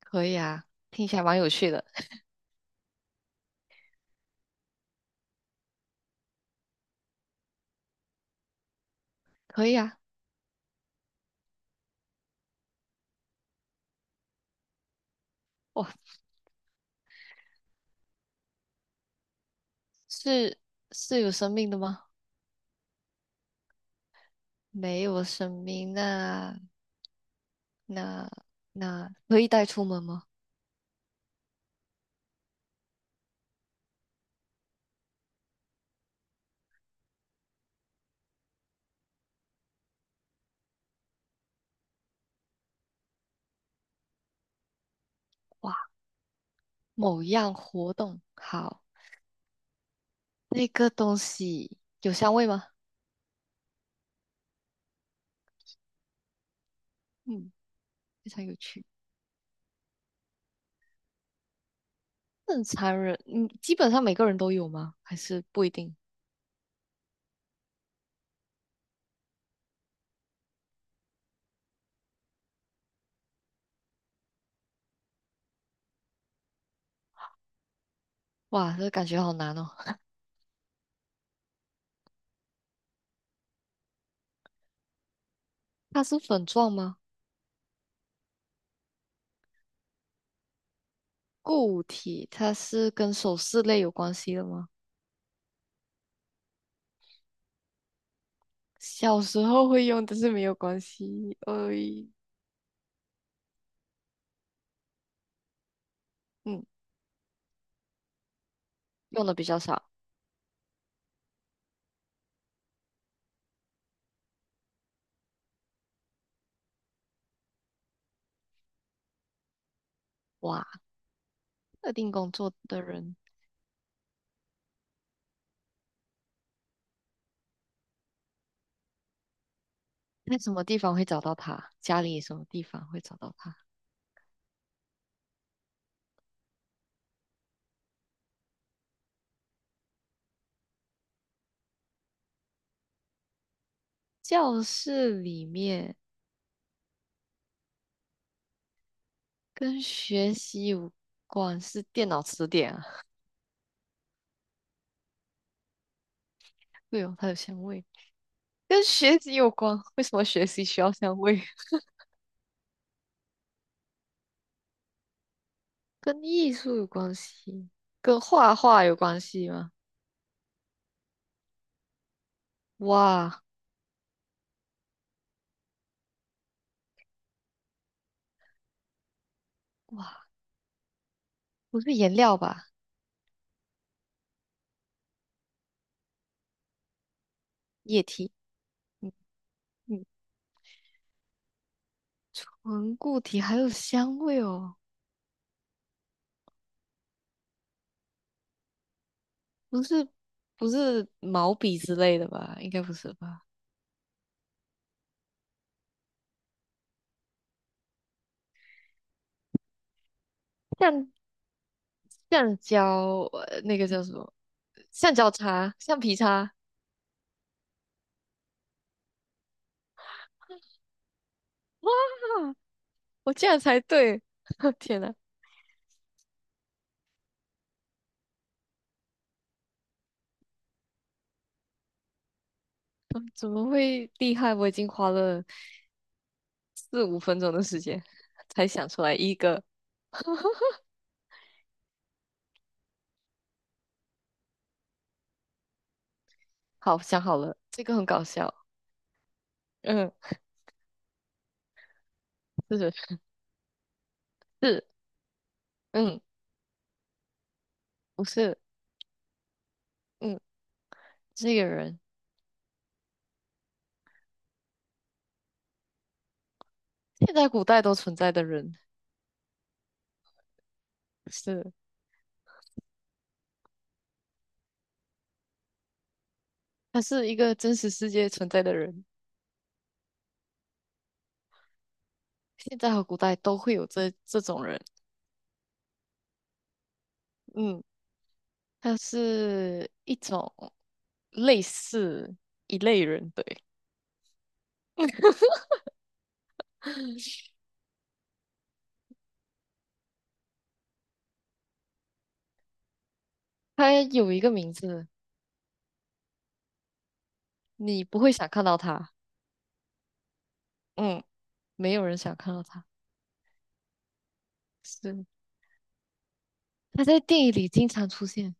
可以啊，听起来蛮有趣的。可以啊，哇，是是有生命的吗？没有生命，那那那可以带出门吗？哇，某样活动，好，那个东西有香味吗？嗯，非常有趣。正常人，嗯，基本上每个人都有吗？还是不一定？哇，这感觉好难哦。它是粉状吗？固体，它是跟首饰类有关系的吗？小时候会用，但是没有关系。呃，嗯，用的比较少。哇，特定工作的人在什么地方会找到他？家里什么地方会找到他？教室里面跟学习有关是电脑词典啊。对哦，它有香味，跟学习有关。为什么学习需要香味？跟艺术有关系，跟画画有关系吗？哇哇，不是颜料吧？液体，嗯嗯，纯固体还有香味哦。不是不是毛笔之类的吧？应该不是吧？橡橡胶，那个叫什么？橡胶擦，橡皮擦。哇，我这样才对！天呐，嗯怎么会厉害？我已经花了四五分钟的时间才想出来一个。好，想好了，这个很搞笑。嗯，是是，嗯，不是，嗯，这个人，现在古代都存在的人，是，他是一个真实世界存在的人。现在和古代都会有这种人，嗯，他是一种类似一类人，对， 他有一个名字，你不会想看到他，嗯，没有人想看到他，是他在电影里经常出现，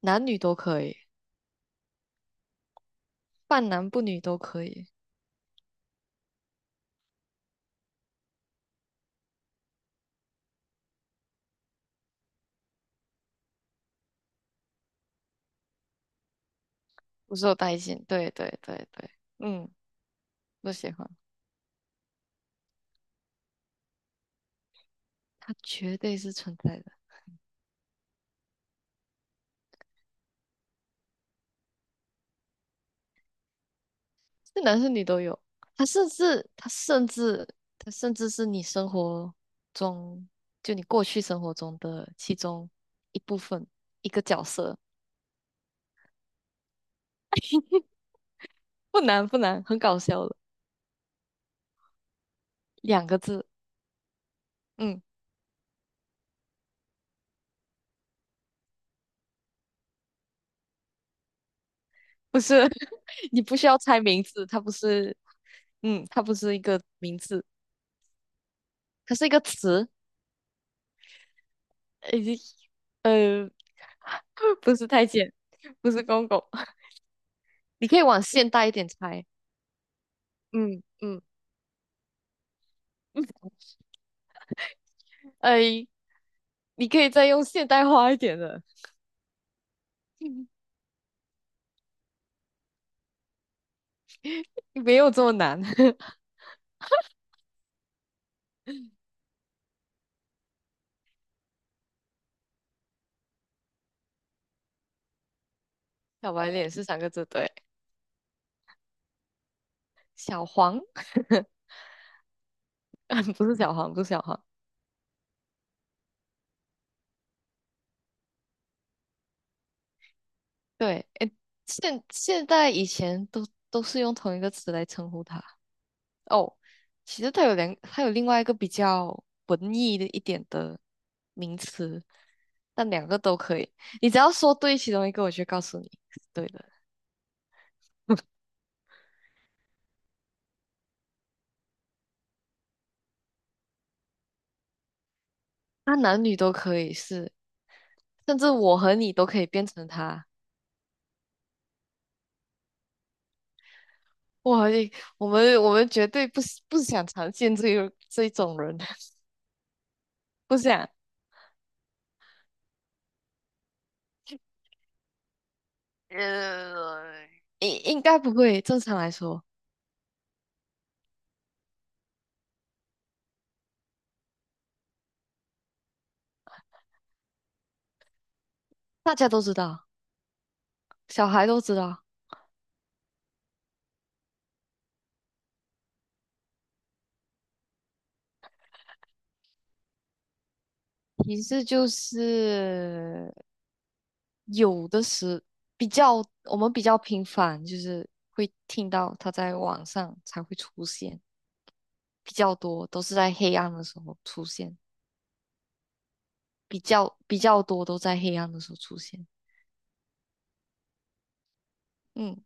男女都可以，半男不女都可以，不受待见，对对对对，嗯，不喜欢，他绝对是存在的。是男是女都有。他甚至他甚至他甚至是你生活中，就你过去生活中的其中一部分，一个角色，不难不难，很搞笑的，两个字，嗯，不是，你不需要猜名字，它不是，嗯，它不是一个名字，它是一个词，呃，呃，不是太监，不是公公，你可以往现代一点猜，嗯嗯，哎，你可以再用现代化一点的。没有这么难。小白脸是三个字，对。小黄，不是小黄，不是小黄。对，诶，现在以前都是用同一个词来称呼他。哦，其实它有两，它有另外一个比较文艺的一点的名词，但两个都可以。你只要说对其中一个，我就告诉你是对的。他男女都可以是，甚至我和你都可以变成他。哇，诶我们绝对不是不想常见这个这一种人，不想，应该不会。正常来说，大家都知道，小孩都知道。提示就是有的时比较，我们比较频繁，就是会听到他在网上才会出现，比较多都是在黑暗的时候出现，比较多都在黑暗的时候出现。嗯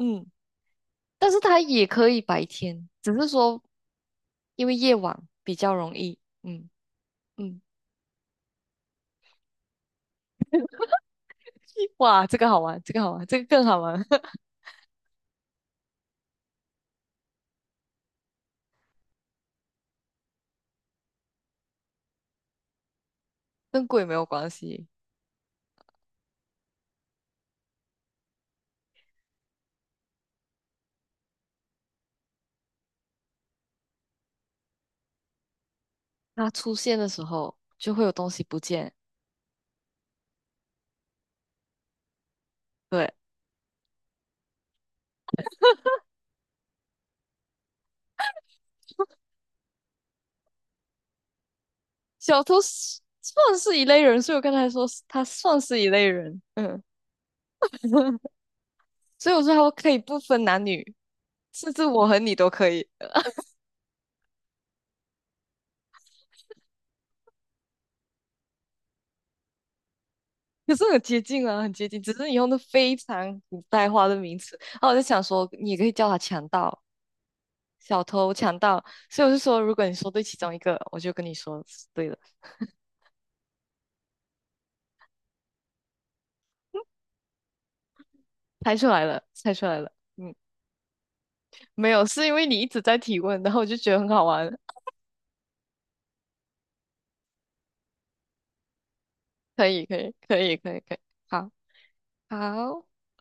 嗯，但是他也可以白天，只是说。因为夜晚比较容易。嗯嗯，哇，这个好玩，这个好玩，这个更好玩，跟鬼没有关系。它出现的时候就会有东西不见。对，小偷是算是一类人，所以我刚才说是他算是一类人。嗯，所以我说他可以不分男女，甚至我和你都可以。可是很接近啊，很接近，只是你用的非常古代化的名词。然后我就想说，你也可以叫他强盗，小偷、强盗，所以我就说，如果你说对其中一个，我就跟你说是对了，猜出来了，猜出来了。嗯，没有，是因为你一直在提问，然后我就觉得很好玩。可以，可以，可以，可以，可以。好，好。